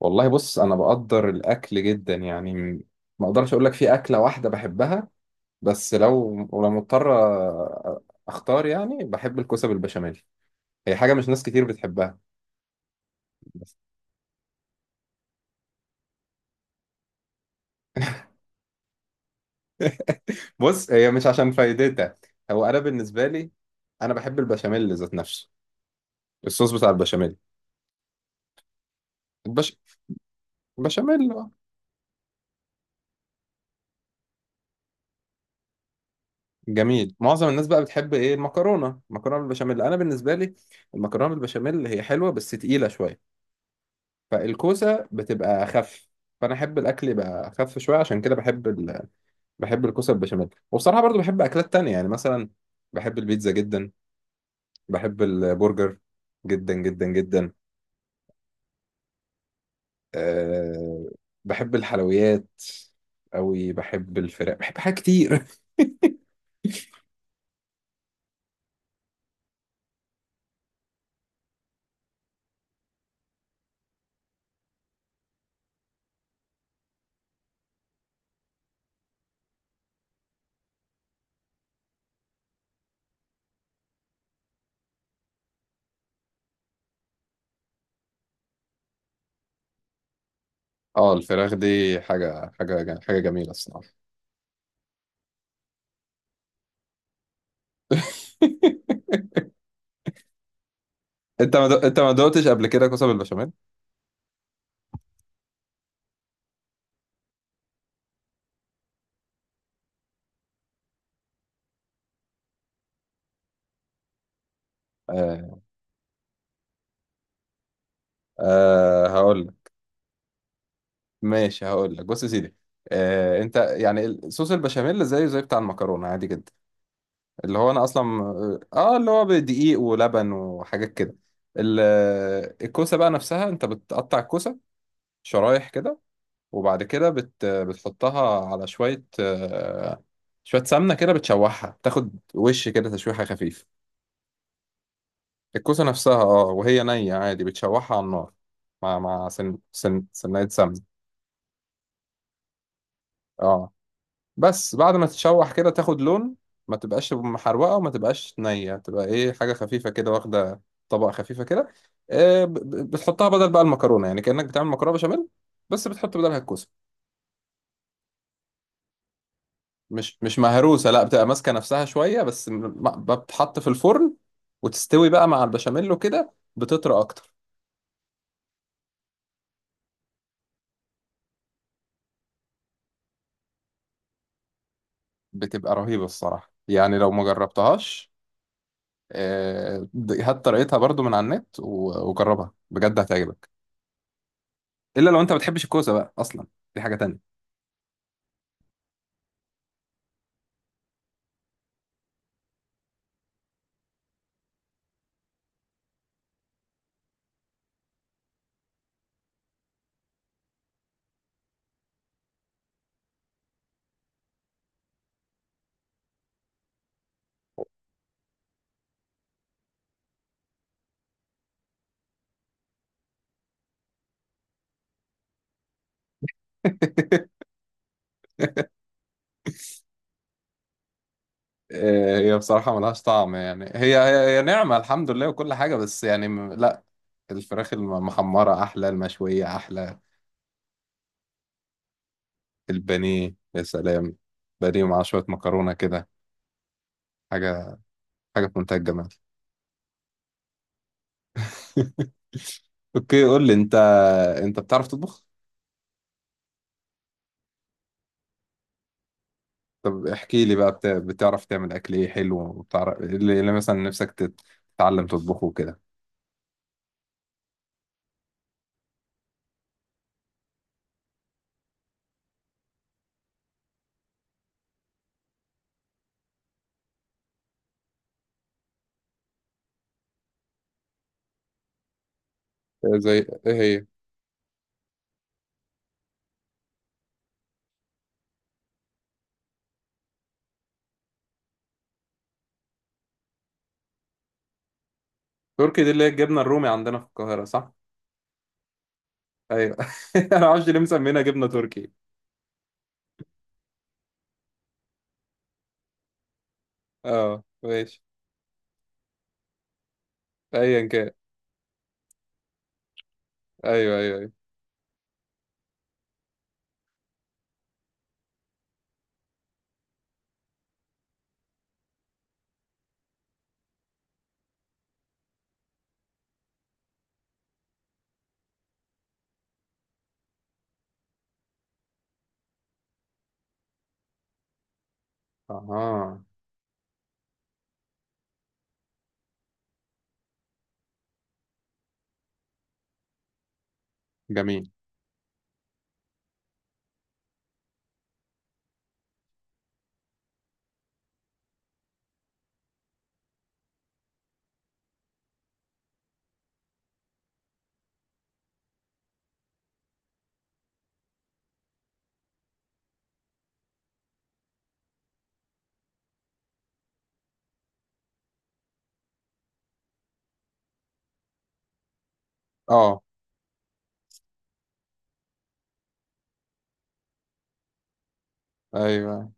والله، بص. انا بقدر الاكل جدا، يعني ما اقدرش اقول لك في اكله واحده بحبها. بس ولو مضطر أ- اختار، يعني بحب الكوسه بالبشاميل. هي حاجه مش ناس كتير بتحبها. بس بص، هي مش عشان فايدتها. هو انا بالنسبه لي، انا بحب البشاميل ذات نفسه، الصوص بتاع البشاميل. البش... البشاميل. جميل. معظم الناس بقى بتحب ايه؟ المكرونه بالبشاميل. انا بالنسبه لي المكرونه بالبشاميل هي حلوه بس تقيله شويه، فالكوسه بتبقى اخف، فانا احب الاكل يبقى اخف شويه، عشان كده بحب الكوسه بالبشاميل. وبصراحه برضو بحب اكلات تانية، يعني مثلا بحب البيتزا جدا، بحب البرجر جدا جدا جدا. أه... بحب الحلويات قوي، بحب الفراخ، بحب حاجات كتير. اه، الفراخ دي حاجه حاجه حاجه جميله الصراحه. انت ما دقتش قبل كده كوسه بالبشاميل؟ أه... هقول، ماشي هقول لك، بص يا سيدي. آه، انت يعني صوص البشاميل زيه زي بتاع المكرونه، عادي جدا، اللي هو انا اصلا. اه، اللي هو بدقيق ولبن وحاجات كده. الكوسه بقى نفسها، انت بتقطع الكوسه شرايح كده، وبعد كده بتحطها على شويه، شويه سمنه كده، بتشوحها، تاخد وش كده، تشويحه خفيف. الكوسه نفسها، اه، وهي نيه عادي بتشوحها على النار، مع سن سن سنة سمنه. اه، بس بعد ما تتشوح كده تاخد لون، ما تبقاش محروقة وما تبقاش نية، تبقى ايه، حاجة خفيفة كده واخدة طبقة خفيفة كده. بتحطها بدل بقى المكرونة، يعني كأنك بتعمل مكرونة بشاميل بس بتحط بدلها الكوسة. مش مهروسة، لا، بتبقى ماسكة نفسها شوية، بس بتتحط في الفرن وتستوي بقى مع البشاميل، وكده بتطرى أكتر. بتبقى رهيبة الصراحة، يعني لو ما جربتهاش، هات طريقتها برضو من على النت و- وجربها بجد، هتعجبك. الا لو انت ما بتحبش الكوسه بقى اصلا، دي حاجه تانية. هي بصراحه ملهاش طعم، يعني هي نعمه الحمد لله وكل حاجه، بس يعني لا. الفراخ المحمره احلى، المشويه احلى. البانيه يا سلام، بانيه مع شويه مكرونه كده، حاجه حاجه في منتهى الجمال. اوكي، قول لي انت بتعرف تطبخ؟ طب احكي لي بقى، بتعرف تعمل اكل ايه حلو، وبتعرف إيه اللي مثلا نفسك تتعلم تطبخه كده؟ زي ايه هي؟ تركي دي اللي هي الجبنه الرومي عندنا في القاهره، صح؟ ايوه. انا معرفش ليه مسمينها جبنه تركي. اه، ماشي. ايا كان. ايوه، ايوه، ايوه. اها. جميل. اه. ايوه.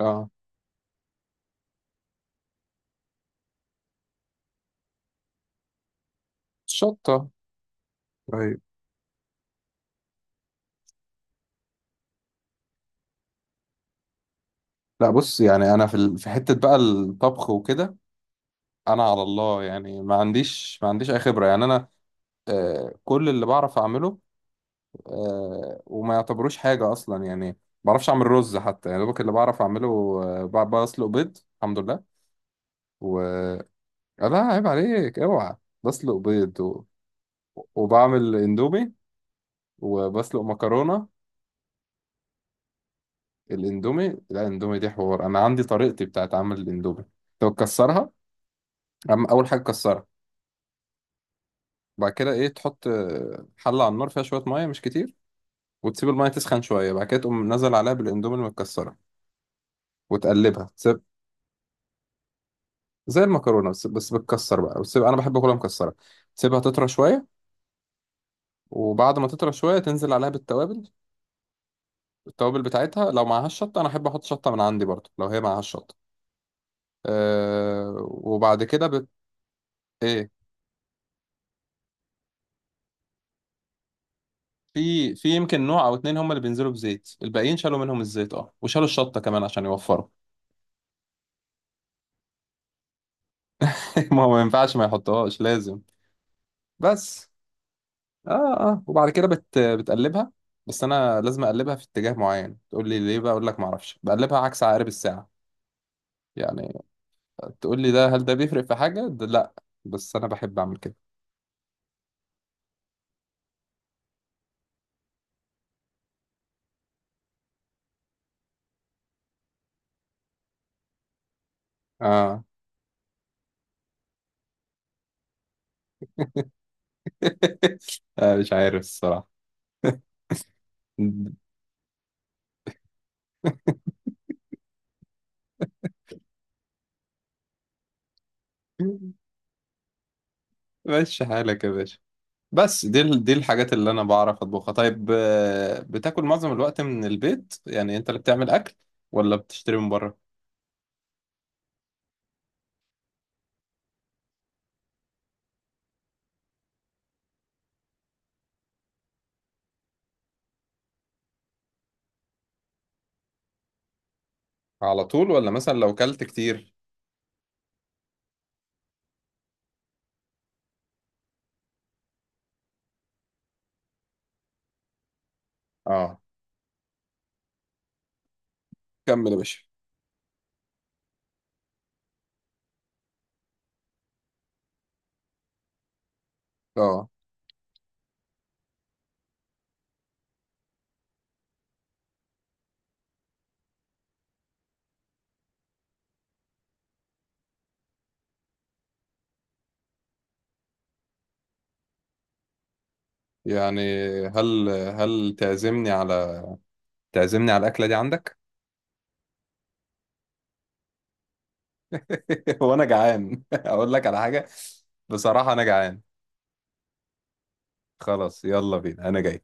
اه. شطه. ايوه. لا، بص، يعني انا في في حته بقى الطبخ وكده، انا على الله، يعني ما عنديش اي خبره، يعني انا كل اللي بعرف اعمله وما يعتبروش حاجه اصلا، يعني ما بعرفش اعمل رز حتى، يعني دوبك اللي بعرف اعمله بسلق بيض الحمد لله. و لا عيب عليك، اوعى. بسلق بيض، وبعمل اندومي، وبسلق مكرونة. الاندومي، لا الاندومي دي حوار، انا عندي طريقتي بتاعت عمل الاندومي. لو تكسرها، اول حاجة تكسرها. بعد كده ايه، تحط حلة على النار فيها شوية مية مش كتير، وتسيب المية تسخن شوية، بعد كده تقوم نزل عليها بالاندومي المتكسرة، وتقلبها، تسيب، زي المكرونة، بس بتكسر بقى، وتسيب، انا بحب اكلها مكسرة. تسيبها تطرى شوية، وبعد ما تطرى شوية تنزل عليها بالتوابل. التوابل بتاعتها لو معهاش شطة، انا احب احط شطة من عندي برضه لو هي معهاش شطة. وبعد كده ايه، في يمكن نوع او اتنين هم اللي بينزلوا بزيت، الباقيين شالوا منهم الزيت، اه، وشالوا الشطه كمان عشان يوفروا. ما هو ما ينفعش ما يحطوهاش، لازم. بس، اه، اه، وبعد كده بتقلبها. بس انا لازم اقلبها في اتجاه معين، تقول لي ليه بقى؟ اقول لك ما اعرفش، بقلبها عكس عقارب الساعه يعني. تقول لي هل ده بيفرق في حاجه؟ ده لا، بس انا بحب اعمل كده. اه. مش عارف الصراحه. ماشي حالك يا باشا. بس دي الحاجات اللي انا بعرف اطبخها. طيب، بتاكل معظم الوقت من البيت، يعني انت اللي بتعمل اكل، ولا بتشتري من بره؟ على طول؟ ولا مثلا لو كلت كتير؟ اه، كمل يا باشا. اه، يعني هل تعزمني على الاكله دي عندك؟ وانا جعان. اقول لك على حاجه، بصراحه انا جعان. خلاص يلا بينا، انا جاي.